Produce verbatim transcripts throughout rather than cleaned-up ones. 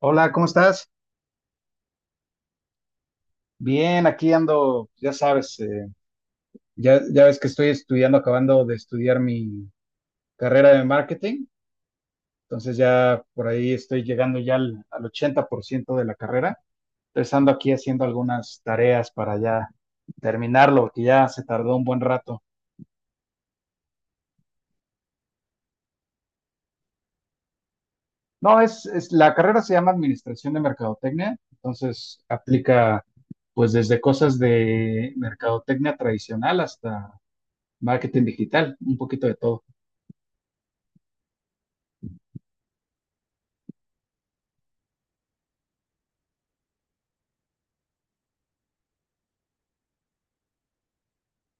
Hola, ¿cómo estás? Bien, aquí ando, ya sabes, eh, ya, ya ves que estoy estudiando, acabando de estudiar mi carrera de marketing, entonces ya por ahí estoy llegando ya al, al ochenta por ciento de la carrera, entonces ando aquí haciendo algunas tareas para ya terminarlo, porque ya se tardó un buen rato. No, es, es, la carrera se llama Administración de Mercadotecnia, entonces aplica pues desde cosas de mercadotecnia tradicional hasta marketing digital, un poquito de todo.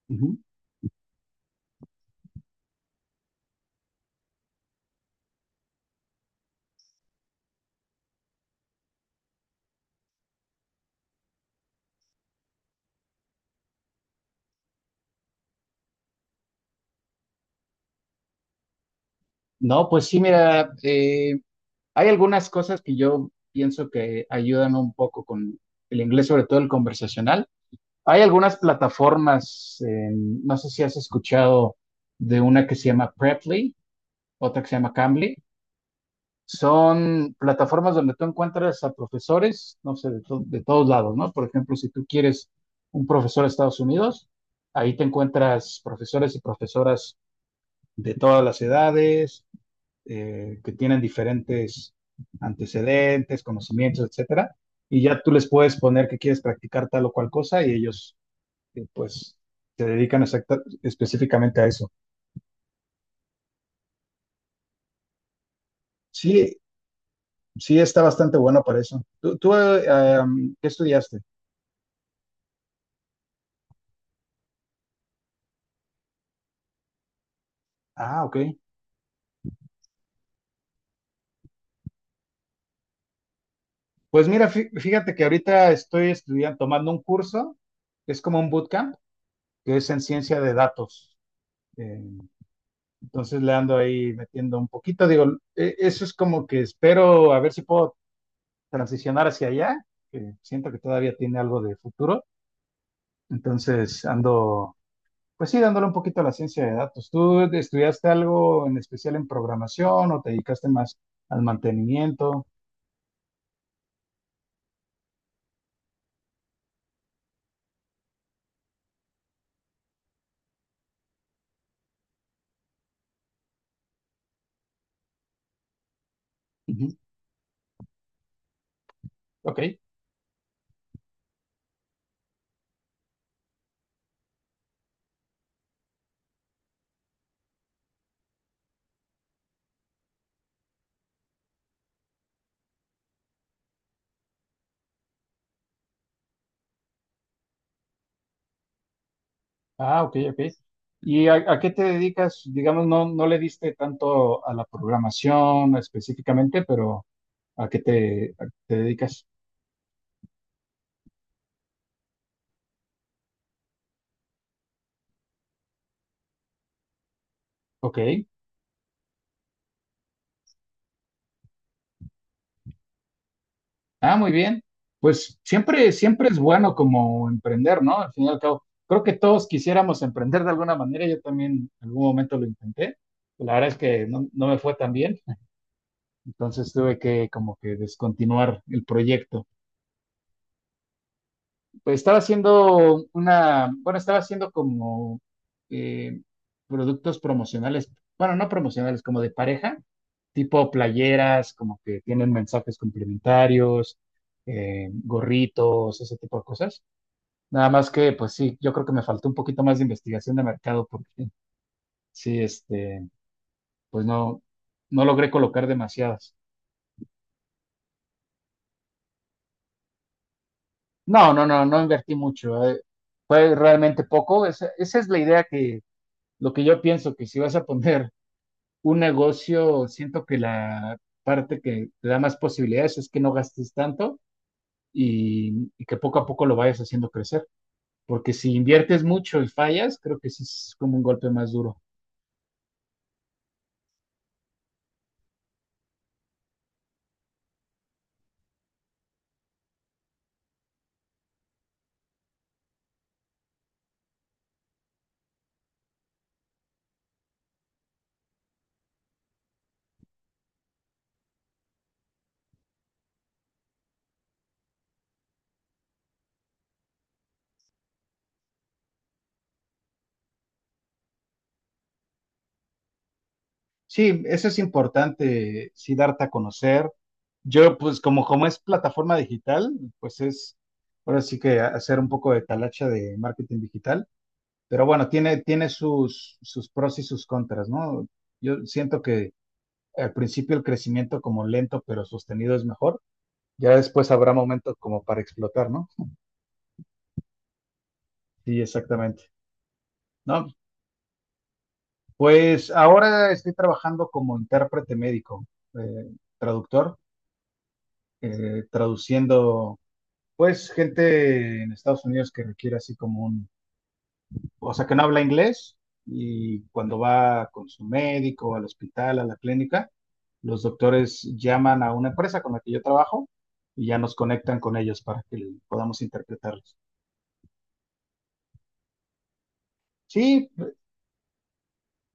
Ujú. No, pues sí, mira, eh, hay algunas cosas que yo pienso que ayudan un poco con el inglés, sobre todo el conversacional. Hay algunas plataformas, eh, no sé si has escuchado de una que se llama Preply, otra que se llama Cambly. Son plataformas donde tú encuentras a profesores, no sé, de, to- de todos lados, ¿no? Por ejemplo, si tú quieres un profesor de Estados Unidos, ahí te encuentras profesores y profesoras de todas las edades eh, que tienen diferentes antecedentes, conocimientos, etcétera, y ya tú les puedes poner que quieres practicar tal o cual cosa y ellos eh, pues se dedican exacta- específicamente a eso. Sí, sí está bastante bueno para eso. ¿Tú, tú, eh, um, qué estudiaste? Ah, ok. Pues mira, fí- fíjate que ahorita estoy estudiando, tomando un curso, que es como un bootcamp, que es en ciencia de datos. Eh, entonces le ando ahí metiendo un poquito, digo, eh, eso es como que espero a ver si puedo transicionar hacia allá, que siento que todavía tiene algo de futuro. Entonces ando, pues sí, dándole un poquito a la ciencia de datos. ¿Tú estudiaste algo en especial en programación o te dedicaste más al mantenimiento? Ujú. Ok, ah, ok, ok. ¿Y a, a qué te dedicas? Digamos, no, no le diste tanto a la programación específicamente, pero ¿a qué te, a qué te dedicas? Ok. Ah, muy bien. Pues siempre, siempre es bueno como emprender, ¿no? Al fin y al cabo, creo que todos quisiéramos emprender de alguna manera. Yo también en algún momento lo intenté. La verdad es que no, no me fue tan bien, entonces tuve que como que descontinuar el proyecto. Pues estaba haciendo una, bueno, estaba haciendo como eh, productos promocionales, bueno, no promocionales, como de pareja, tipo playeras, como que tienen mensajes complementarios, eh, gorritos, ese tipo de cosas. Nada más que, pues sí, yo creo que me faltó un poquito más de investigación de mercado porque sí, este, pues no, no logré colocar demasiadas. No, no, no, no invertí mucho. eh, Fue realmente poco. Esa, esa es la idea que, lo que yo pienso, que si vas a poner un negocio, siento que la parte que te da más posibilidades es que no gastes tanto y, y que poco a poco lo vayas haciendo crecer. Porque si inviertes mucho y fallas, creo que sí es como un golpe más duro. Sí, eso es importante, sí, darte a conocer. Yo, pues, como, como es plataforma digital, pues es, ahora sí que hacer un poco de talacha de marketing digital, pero bueno, tiene, tiene sus, sus pros y sus contras, ¿no? Yo siento que al principio el crecimiento como lento pero sostenido es mejor, ya después habrá momentos como para explotar, ¿no? Sí, exactamente. No, pues ahora estoy trabajando como intérprete médico, eh, traductor, eh, traduciendo pues gente en Estados Unidos que requiere así como un, o sea, que no habla inglés y cuando va con su médico al hospital, a la clínica, los doctores llaman a una empresa con la que yo trabajo y ya nos conectan con ellos para que le- podamos interpretarlos. Sí,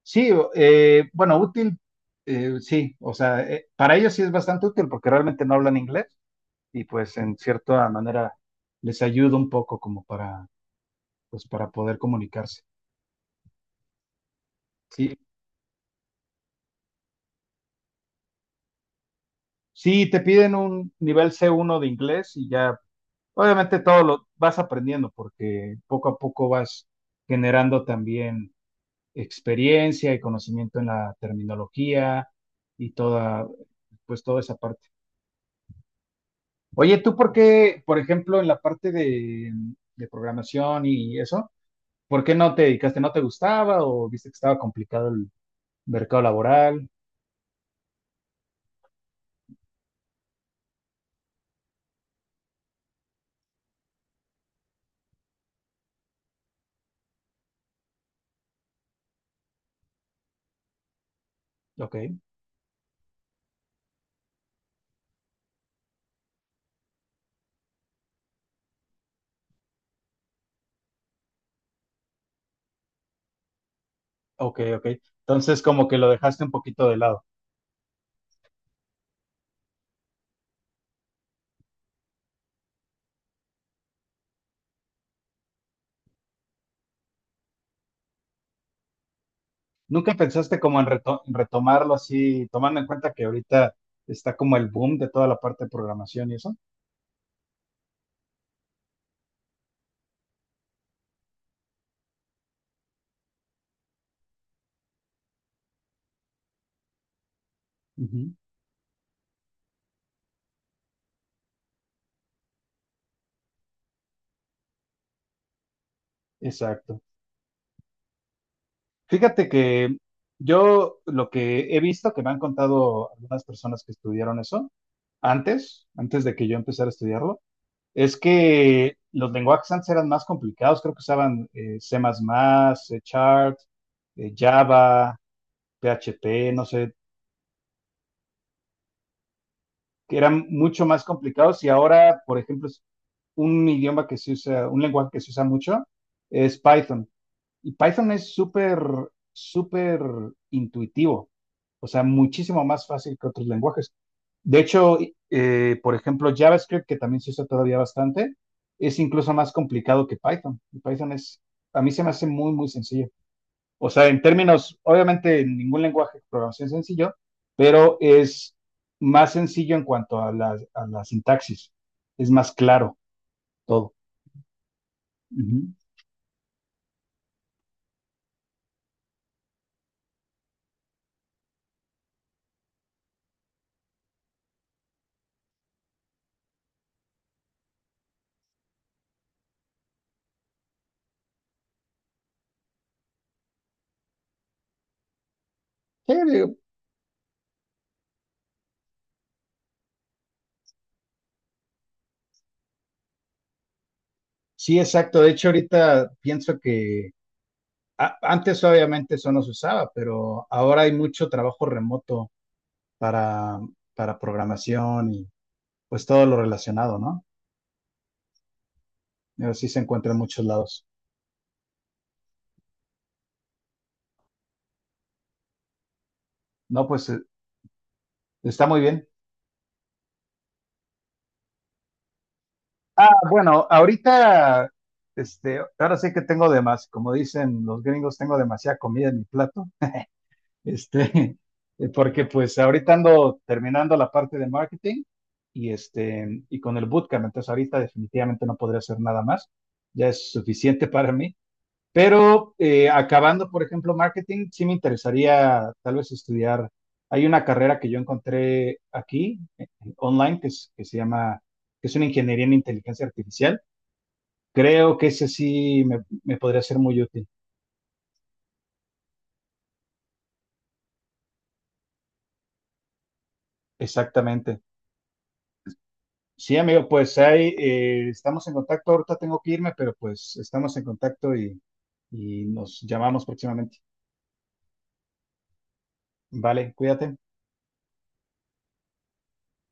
sí, eh, bueno, útil, eh, sí, o sea, eh, para ellos sí es bastante útil porque realmente no hablan inglés y pues en cierta manera les ayuda un poco como para, pues para poder comunicarse. Sí, sí, te piden un nivel C uno de inglés y ya, obviamente todo lo vas aprendiendo porque poco a poco vas generando también experiencia y conocimiento en la terminología y toda, pues toda esa parte. Oye, ¿tú por qué, por ejemplo, en la parte de, de programación y eso, por qué no te dedicaste? ¿No te gustaba o viste que estaba complicado el mercado laboral? Ok, ok, ok. Entonces como que lo dejaste un poquito de lado. ¿Nunca pensaste como en reto- en retomarlo así, tomando en cuenta que ahorita está como el boom de toda la parte de programación y eso? Ujú, exacto. Fíjate que yo lo que he visto, que me han contado algunas personas que estudiaron eso antes, antes de que yo empezara a estudiarlo, es que los lenguajes antes eran más complicados, creo que usaban eh, C++, C Sharp, eh, Java, P H P, no sé, que eran mucho más complicados y ahora, por ejemplo, un idioma que se usa, un lenguaje que se usa mucho es Python. Y Python es súper, súper intuitivo, o sea, muchísimo más fácil que otros lenguajes. De hecho, eh, por ejemplo, JavaScript, que también se usa todavía bastante, es incluso más complicado que Python. Y Python es, a mí se me hace muy, muy sencillo. O sea, en términos, obviamente, ningún lenguaje de programación es sencillo, pero es más sencillo en cuanto a la, a la sintaxis. Es más claro todo. Ujú. Sí, digo, sí, exacto. De hecho, ahorita pienso que a- antes obviamente eso no se usaba, pero ahora hay mucho trabajo remoto para, para programación y pues todo lo relacionado, ¿no? Pero sí se encuentra en muchos lados. No, pues eh, está muy bien. Ah, bueno, ahorita, este, ahora sí que tengo de más, como dicen los gringos, tengo demasiada comida en mi plato. Este, eh, porque pues ahorita ando terminando la parte de marketing y, este, y con el bootcamp, entonces ahorita definitivamente no podré hacer nada más, ya es suficiente para mí. Pero eh, acabando, por ejemplo, marketing, sí me interesaría tal vez estudiar. Hay una carrera que yo encontré aquí, eh, eh, online, que, es- que se llama, que es una ingeniería en inteligencia artificial. Creo que ese sí me, me podría ser muy útil. Exactamente. Sí, amigo, pues ahí eh, estamos en contacto. Ahorita tengo que irme, pero pues estamos en contacto y, y nos llamamos próximamente. Vale, cuídate.